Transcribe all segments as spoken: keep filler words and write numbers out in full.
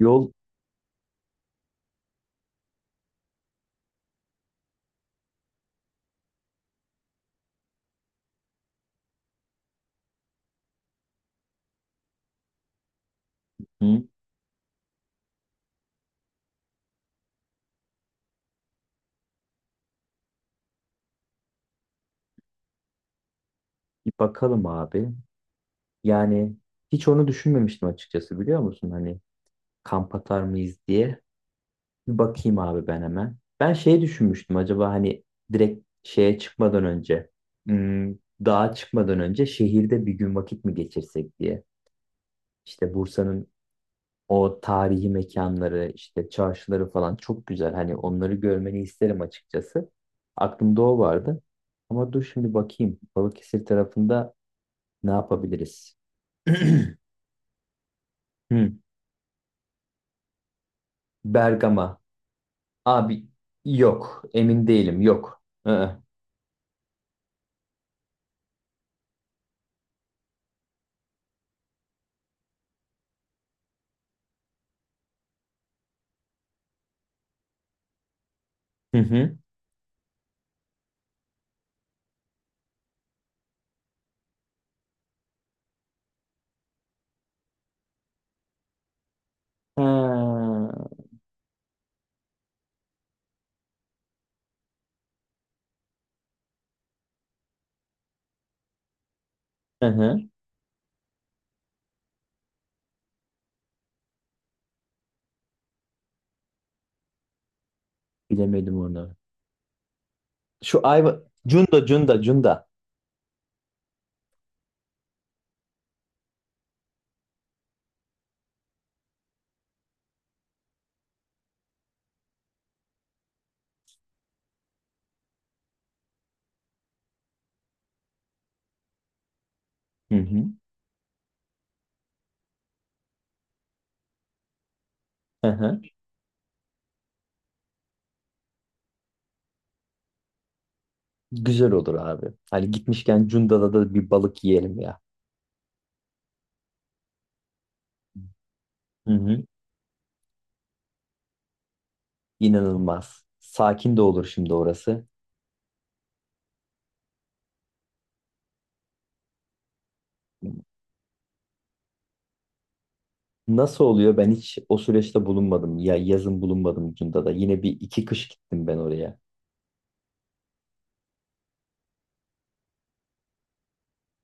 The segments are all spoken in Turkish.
Yol. Hı, bir bakalım abi. Yani hiç onu düşünmemiştim açıkçası biliyor musun? Hani kamp atar mıyız diye. Bir bakayım abi ben hemen. Ben şey düşünmüştüm acaba hani direkt şeye çıkmadan önce, hmm, dağa çıkmadan önce şehirde bir gün vakit mi geçirsek diye. İşte Bursa'nın o tarihi mekanları işte çarşıları falan çok güzel. Hani onları görmeni isterim açıkçası. Aklımda o vardı. Ama dur şimdi bakayım. Balıkesir tarafında ne yapabiliriz? Hı, Bergama. Abi yok. Emin değilim. Yok. Hı hı. Hı. Ha, hı hı. Bilemedim onu. Şu Ayva. Cunda, Cunda, Cunda. Hı hı. Hı hı. Güzel olur abi. Hani gitmişken Cunda'da da bir balık yiyelim ya. Hı hı. İnanılmaz. Sakin de olur şimdi orası. Nasıl oluyor? Ben hiç o süreçte bulunmadım. Ya yazın bulunmadım Cunda'da. Yine bir iki kış gittim ben oraya.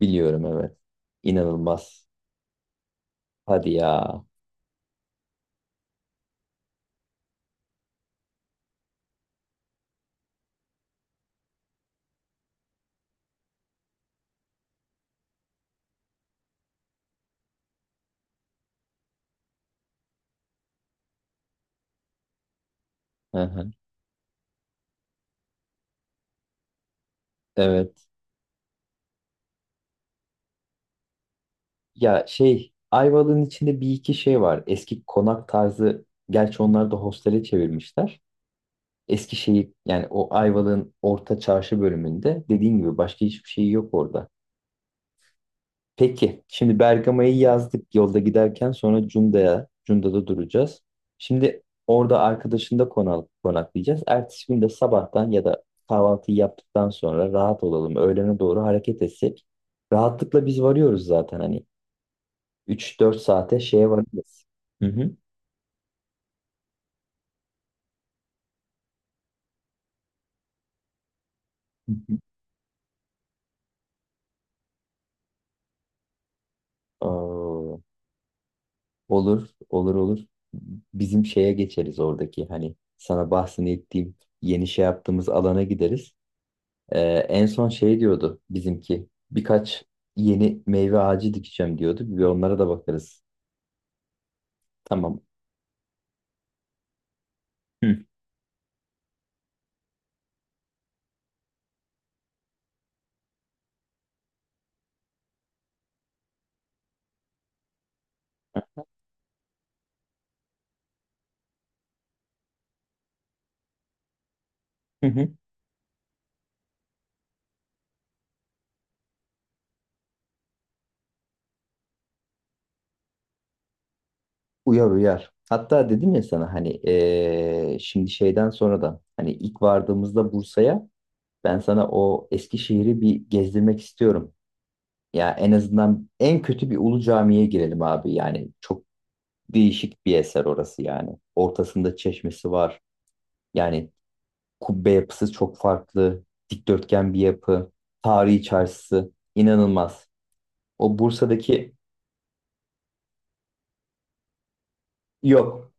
Biliyorum evet. İnanılmaz. Hadi ya. Hı hı. Evet. Ya şey Ayvalık'ın içinde bir iki şey var. Eski konak tarzı gerçi onları da hostele çevirmişler. Eski şeyi yani o Ayvalık'ın orta çarşı bölümünde dediğin gibi başka hiçbir şey yok orada. Peki şimdi Bergama'yı yazdık, yolda giderken sonra Cunda'ya, Cunda'da duracağız. Şimdi orada arkadaşında konak, konaklayacağız. Ertesi gün de sabahtan ya da kahvaltıyı yaptıktan sonra rahat olalım. Öğlene doğru hareket etsek. Rahatlıkla biz varıyoruz zaten hani. Üç dört saate şeye varırız. Hı hı. Hı hı. Aa, olur, olur, olur. Bizim şeye geçeriz, oradaki hani sana bahsettiğim yeni şey yaptığımız alana gideriz. Ee, en son şey diyordu bizimki, birkaç yeni meyve ağacı dikeceğim diyordu. Bir onlara da bakarız. Tamam. Hı hı. Hı. Uyar uyar. Hatta dedim ya sana hani eee, şimdi şeyden sonra da hani ilk vardığımızda Bursa'ya ben sana o Eskişehir'i bir gezdirmek istiyorum. Ya en azından en kötü bir ulu camiye girelim abi. Yani çok değişik bir eser orası yani. Ortasında çeşmesi var. Yani kubbe yapısı çok farklı. Dikdörtgen bir yapı. Tarihi çarşısı inanılmaz. O Bursa'daki... yok.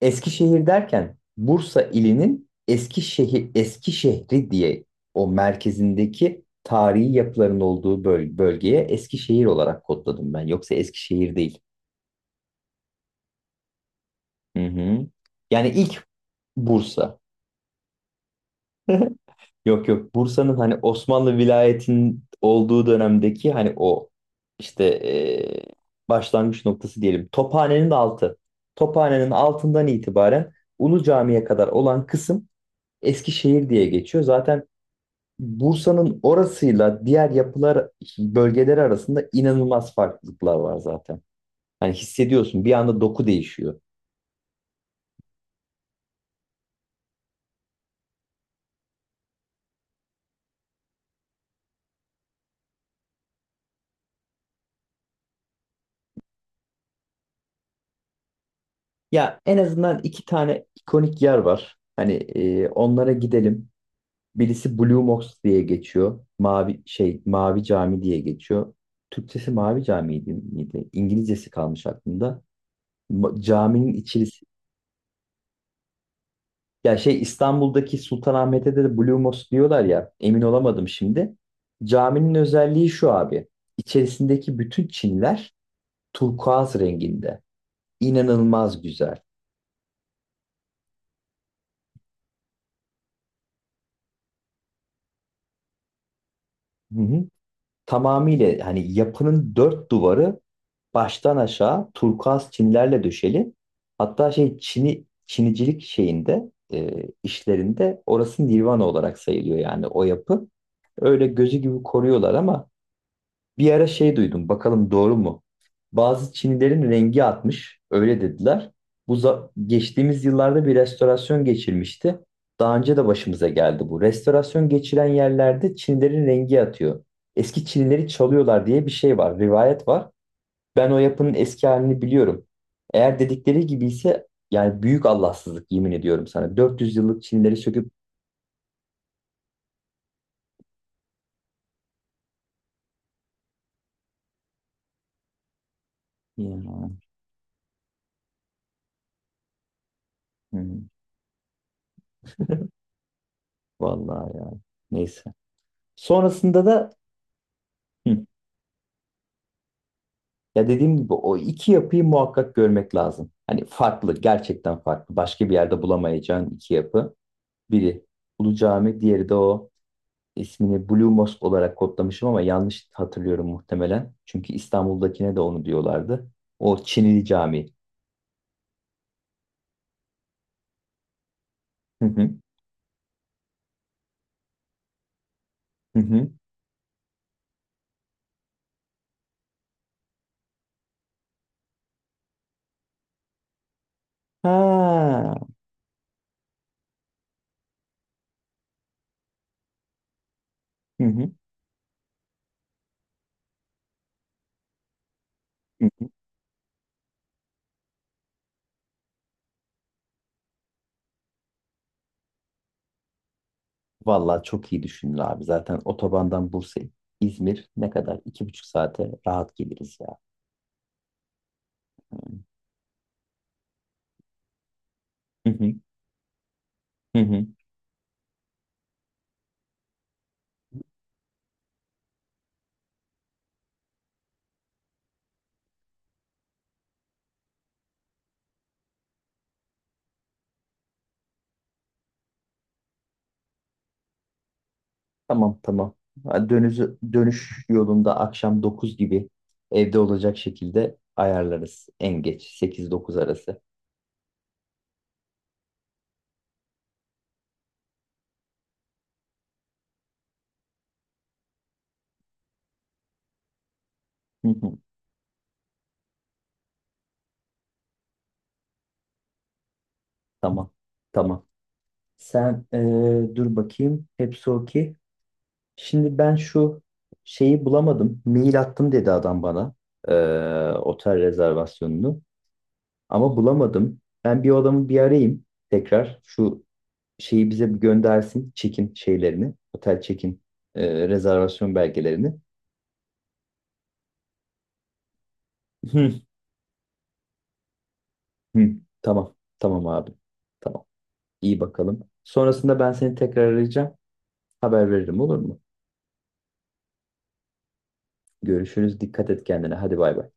Eskişehir derken Bursa ilinin Eskişehir, eski şehri diye o merkezindeki tarihi yapıların olduğu böl bölgeye Eskişehir olarak kodladım ben. Yoksa Eskişehir değil. Hı hı. Yani ilk Bursa. Yok yok, Bursa'nın hani Osmanlı vilayetin olduğu dönemdeki hani o işte eee, başlangıç noktası diyelim. Tophane'nin altı. Tophane'nin altından itibaren Ulu Cami'ye kadar olan kısım Eskişehir diye geçiyor. Zaten Bursa'nın orasıyla diğer yapılar bölgeleri arasında inanılmaz farklılıklar var zaten. Hani hissediyorsun, bir anda doku değişiyor. Ya en azından iki tane ikonik yer var. Hani eee, onlara gidelim. Birisi Blue Mosque diye geçiyor. Mavi şey, Mavi Cami diye geçiyor. Türkçesi Mavi Cami'ydi miydi? İngilizcesi kalmış aklımda. Ma- Caminin içerisi. Ya şey İstanbul'daki Sultanahmet'te de Blue Mosque diyorlar ya. Emin olamadım şimdi. Caminin özelliği şu abi. İçerisindeki bütün çinler turkuaz renginde. İnanılmaz güzel. Hı hı. Tamamıyla hani yapının dört duvarı baştan aşağı turkuaz çinilerle döşeli. Hatta şey, çini, çinicilik şeyinde e, işlerinde orası nirvana olarak sayılıyor yani o yapı. Öyle gözü gibi koruyorlar ama bir ara şey duydum, bakalım doğru mu? Bazı Çinilerin rengi atmış, öyle dediler. Bu za- geçtiğimiz yıllarda bir restorasyon geçirmişti. Daha önce de başımıza geldi bu. Restorasyon geçiren yerlerde Çinilerin rengi atıyor. Eski Çinileri çalıyorlar diye bir şey var, rivayet var. Ben o yapının eski halini biliyorum. Eğer dedikleri gibi ise yani büyük Allahsızlık, yemin ediyorum sana. dört yüz yıllık Çinileri söküp... Ya, hı, vallahi ya, neyse. Sonrasında da... Hı. Ya dediğim gibi o iki yapıyı muhakkak görmek lazım. Hani farklı, gerçekten farklı. Başka bir yerde bulamayacağın iki yapı. Biri Ulu Cami, diğeri de o ismini Blue Mosque olarak kodlamışım ama yanlış hatırlıyorum muhtemelen. Çünkü İstanbul'dakine de onu diyorlardı. O Çinili Cami. Hı hı, hı hı. Ha. Hı hı, hı hı. Vallahi çok iyi düşündün abi. Zaten otobandan Bursa, İzmir ne kadar? İki buçuk saate rahat geliriz ya. Hı hı, hı hı. Tamam tamam. Ha, Dönüş, dönüş yolunda akşam dokuz gibi evde olacak şekilde ayarlarız. En geç sekiz dokuz arası. Hı hı. Tamam tamam. Sen eee, dur bakayım. Hepsi okey. Şimdi ben şu şeyi bulamadım. Mail attım dedi adam bana. Eee, otel rezervasyonunu. Ama bulamadım. Ben bir o adamı bir arayayım tekrar. Şu şeyi bize bir göndersin. Check-in şeylerini. Otel check-in eee, rezervasyon belgelerini. Hı, tamam. Tamam abi. Tamam. İyi bakalım. Sonrasında ben seni tekrar arayacağım. Haber veririm, olur mu? Görüşürüz. Dikkat et kendine. Hadi bay bay.